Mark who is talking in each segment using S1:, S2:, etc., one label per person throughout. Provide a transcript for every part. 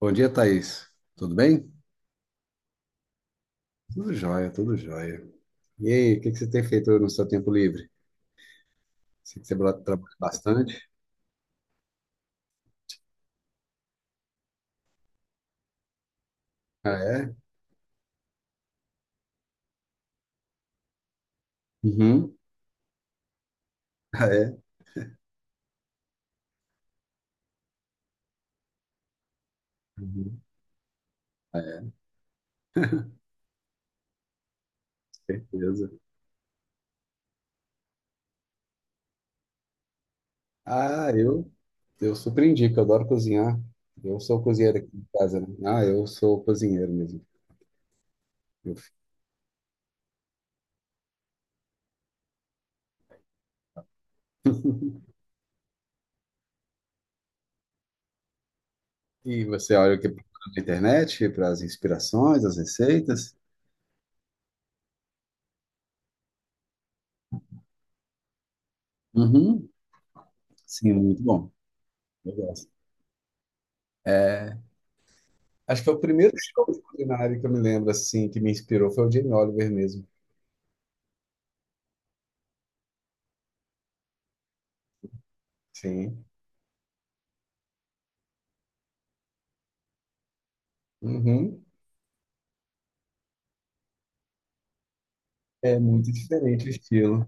S1: Bom dia, Thaís. Tudo bem? Tudo jóia, tudo jóia. E aí, o que que você tem feito no seu tempo livre? Sei que você trabalha bastante. Ah, é? Uhum. Ah, é? Uhum. Ah, é, certeza. Ah, eu surpreendi, que eu adoro cozinhar. Eu sou cozinheiro aqui em casa, né? Ah, eu sou cozinheiro mesmo. Eu- E você olha o que procura na internet para as inspirações, as receitas? Uhum. Sim, muito bom. Eu gosto. É, acho que é o primeiro show de culinária que eu me lembro, assim, que me inspirou foi o Jamie Oliver mesmo. Sim. Uhum. É muito diferente o estilo.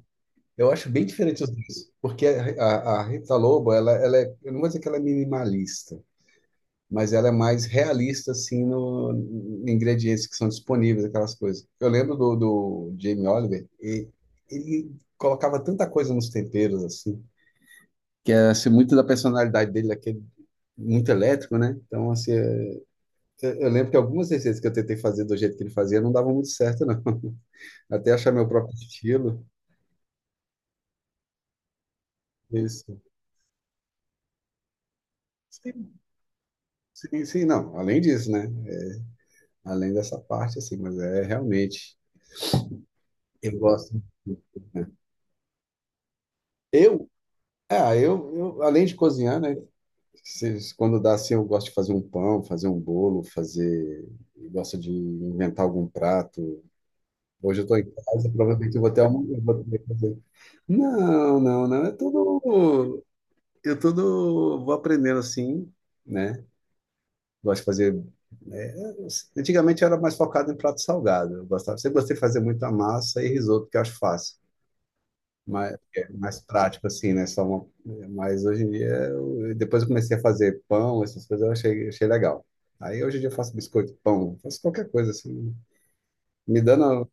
S1: Eu acho bem diferente os dois, porque a Rita Lobo, ela é, eu não vou dizer que ela é minimalista, mas ela é mais realista, assim, no, em ingredientes que são disponíveis, aquelas coisas. Eu lembro do Jamie Oliver, e ele colocava tanta coisa nos temperos, assim, que é assim, muito da personalidade dele, daquele muito elétrico, né? Então, assim, é eu lembro que algumas receitas que eu tentei fazer do jeito que ele fazia não davam muito certo, não. Até achar meu próprio estilo. Isso. Sim, sim, sim, não. Além disso, né? Além dessa parte, assim, mas é realmente. Eu gosto, né? Eu, ah, eu, além de cozinhar, né? Quando dá assim, eu gosto de fazer um pão, fazer um bolo, fazer. Eu gosto de inventar algum prato. Hoje eu estou em casa, provavelmente eu vou ter algum. Eu vou ter que fazer. Não, não, não. É tudo. Eu tudo vou aprendendo assim, né? Gosto de fazer, né, antigamente eu era mais focado em prato salgado. Eu gostava, sempre gostei de fazer muita massa e risoto, que eu acho fácil. Mas é mais prático, assim, né? Só uma, mas hoje em dia, depois eu comecei a fazer pão, essas coisas, eu achei, achei legal. Aí hoje em dia eu faço biscoito, pão, faço qualquer coisa, assim, né? Me dando.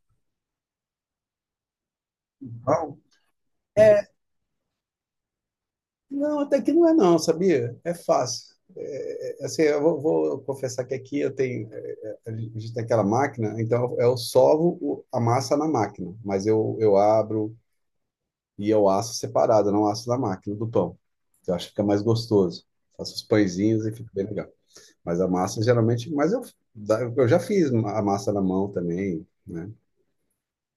S1: Não, até que não é não, sabia? É fácil. Assim, eu vou, vou confessar que aqui eu tenho, a gente tem aquela máquina, então eu sovo a massa na máquina, mas eu abro e eu asso separado, eu não asso na máquina do pão. Eu acho que fica mais gostoso. Faço os pãezinhos e fica bem legal. Mas a massa geralmente, mas eu, eu já fiz a massa na mão também, né?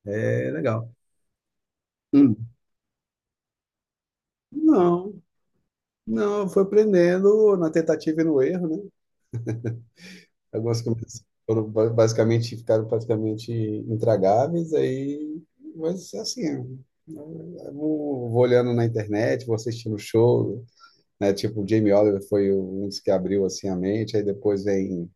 S1: É legal. Hum. Não, não, foi aprendendo na tentativa e no erro, né? Algumas comidas foram basicamente, ficaram praticamente intragáveis, aí, mas assim, eu vou olhando na internet, vou assistindo show, né? Tipo, o Jamie Oliver foi um dos que abriu assim a mente, aí depois vem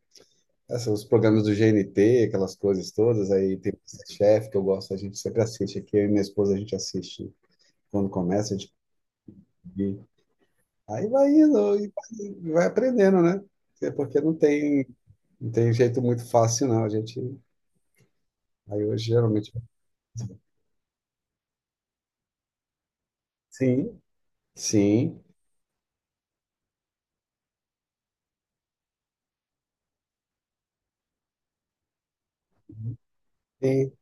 S1: assim, os programas do GNT, aquelas coisas todas, aí tem o Chef que eu gosto, a gente sempre assiste aqui, eu e minha esposa a gente assiste quando começa, a gente aí vai indo e vai aprendendo, né? É porque não tem não tem jeito muito fácil, não. A gente aí eu geralmente. Sim, sim, sim,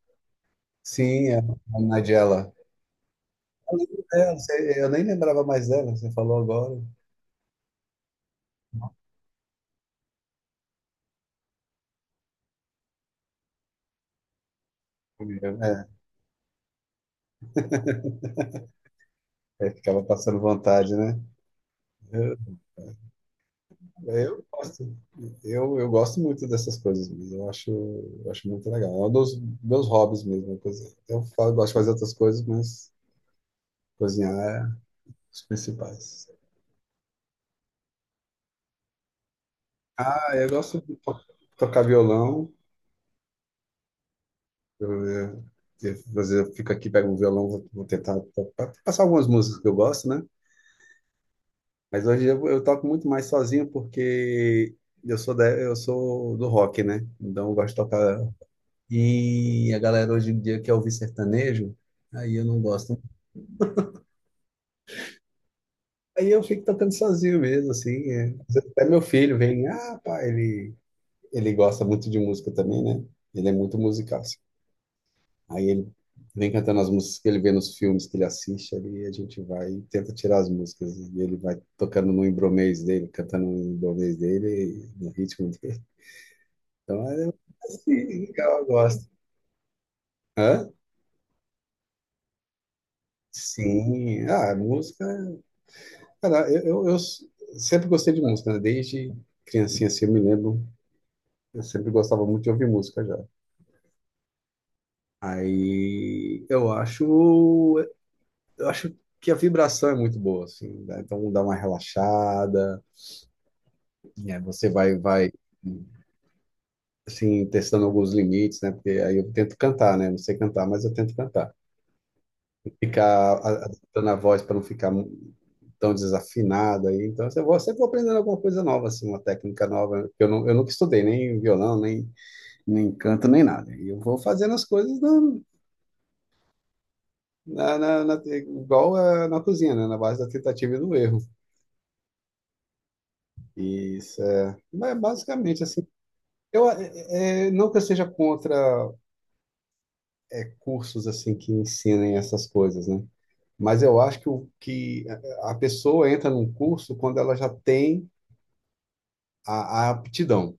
S1: sim, a Nigella. Eu lembro dela, você- eu nem lembrava mais dela, você falou agora. É, é, ficava passando vontade, né? Eu, eu gosto, eu gosto muito dessas coisas, mesmo, eu acho muito legal. É um dos meus hobbies mesmo. Uma coisa. Eu falo, eu gosto de fazer outras coisas, mas cozinhar é os principais. Ah, eu gosto de tocar violão. Eu, eu, Às vezes eu fico aqui, pego o violão, vou, vou tentar passar algumas músicas que eu gosto, né? Mas hoje eu toco muito mais sozinho porque eu sou da, eu sou do rock, né? Então eu gosto de tocar. E a galera hoje em dia quer ouvir sertanejo, aí eu não gosto. Aí eu fico tocando sozinho mesmo, assim, é. Às vezes até meu filho vem, ah, pá, ele gosta muito de música também, né? Ele é muito musical, assim. Aí ele vem cantando as músicas que ele vê nos filmes que ele assiste ali, e a gente vai e tenta tirar as músicas. E ele vai tocando no embromês dele, cantando no embromês dele, no ritmo dele. Então é assim, que eu gosto. Hã? Sim, ah, a música. Cara, eu sempre gostei de música, né? Desde criancinha assim, eu me lembro, eu sempre gostava muito de ouvir música já. Aí eu acho que a vibração é muito boa, assim, né? Então dá uma relaxada. É, você vai, assim, testando alguns limites, né? Porque aí eu tento cantar, né? Não sei cantar, mas eu tento cantar. Ficar adaptando a voz para não ficar tão desafinada aí. Então, eu vou, sempre vou aprendendo alguma coisa nova, assim, uma técnica nova. Eu, não, eu nunca estudei nem violão, nem, nem canto, nem nada. E eu vou fazendo as coisas na, igual eh, na cozinha, né? Na base da tentativa e do erro. E isso é, mas basicamente, assim, eu, não que eu seja contra é, cursos assim que ensinem essas coisas, né? Mas eu acho que, o, que a pessoa entra num curso quando ela já tem a aptidão.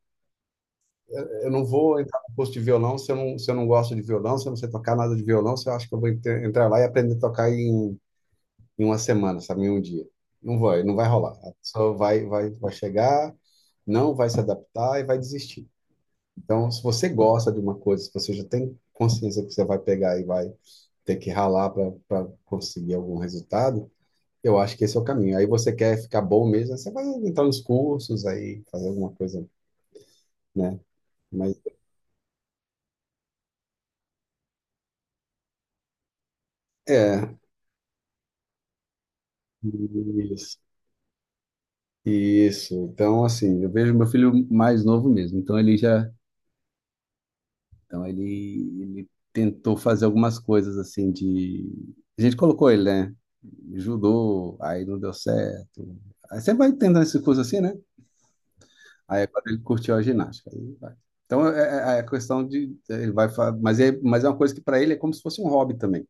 S1: Eu não vou entrar no curso de violão se eu não, se eu não gosto de violão, se eu não sei tocar nada de violão, se eu acho que eu vou entrar lá e aprender a tocar em, em uma semana, sabe, em um dia. Não vai, não vai rolar. A pessoa vai chegar, não vai se adaptar e vai desistir. Então, se você gosta de uma coisa, se você já tem consciência que você vai pegar e vai ter que ralar para conseguir algum resultado, eu acho que esse é o caminho. Aí você quer ficar bom mesmo, você vai entrar nos cursos, aí fazer alguma coisa, né? Mas é, isso, isso. Então, assim, eu vejo meu filho mais novo mesmo, então ele já, então ele tentou fazer algumas coisas assim de, a gente colocou ele, né? Judô, aí não deu certo. Aí você vai tentando essas coisas assim, né? Aí agora ele curtiu a ginástica. Aí vai. Então é, é a questão de ele vai, mas é uma coisa que para ele é como se fosse um hobby também,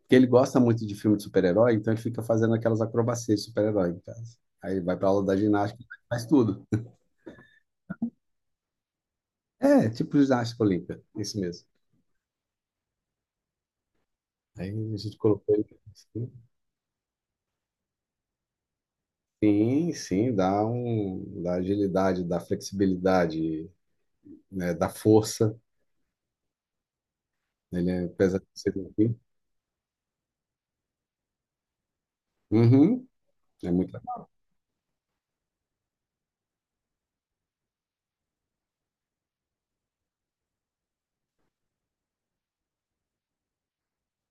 S1: porque ele gosta muito de filme de super-herói, então ele fica fazendo aquelas acrobacias de super-herói em casa. Aí ele vai para aula da ginástica, e faz tudo. É, tipo ginástica olímpica, isso mesmo. Aí a gente colocou ele assim. Sim, sim, dá um, dá agilidade, dá flexibilidade, né, dá força. Ele é, apesar de ser um pouquinho- Uhum, é muito.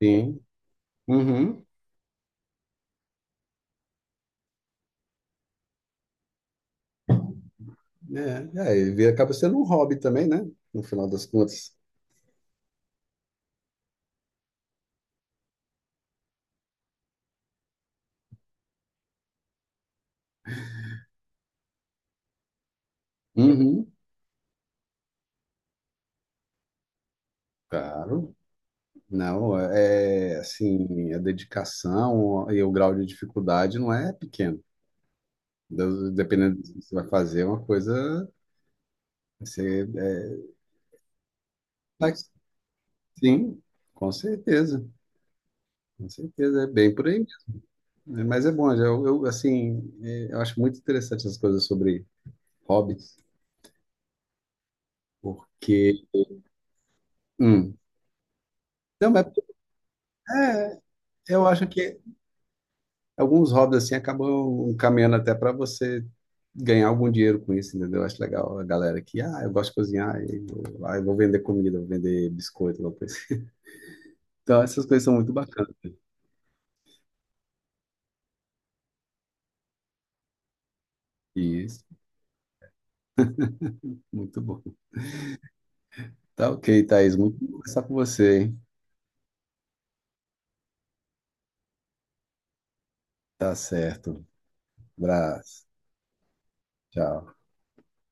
S1: Sim. Uhum. É, é, acaba sendo um hobby também, né? No final das contas. Uhum, claro. Não, é, assim, a dedicação e o grau de dificuldade não é pequeno. Dependendo do que você vai fazer, é uma coisa. Você, é, mas, sim, com certeza. Com certeza, é bem por aí mesmo, né? Mas é bom, eu, assim, é, eu acho muito interessante essas coisas sobre hobbies, porque. Hum, não, mas, é, eu acho que alguns hobbies assim acabam caminhando até para você ganhar algum dinheiro com isso, entendeu? Eu acho legal a galera que, ah, eu gosto de cozinhar, e vou, ah, eu vou vender comida, vou vender biscoito, alguma coisa, assim. Então, essas coisas são muito bacanas. Isso, muito bom. Tá ok, Thaís, muito bom conversar com você, hein? Tá certo. Abraço. Tchau.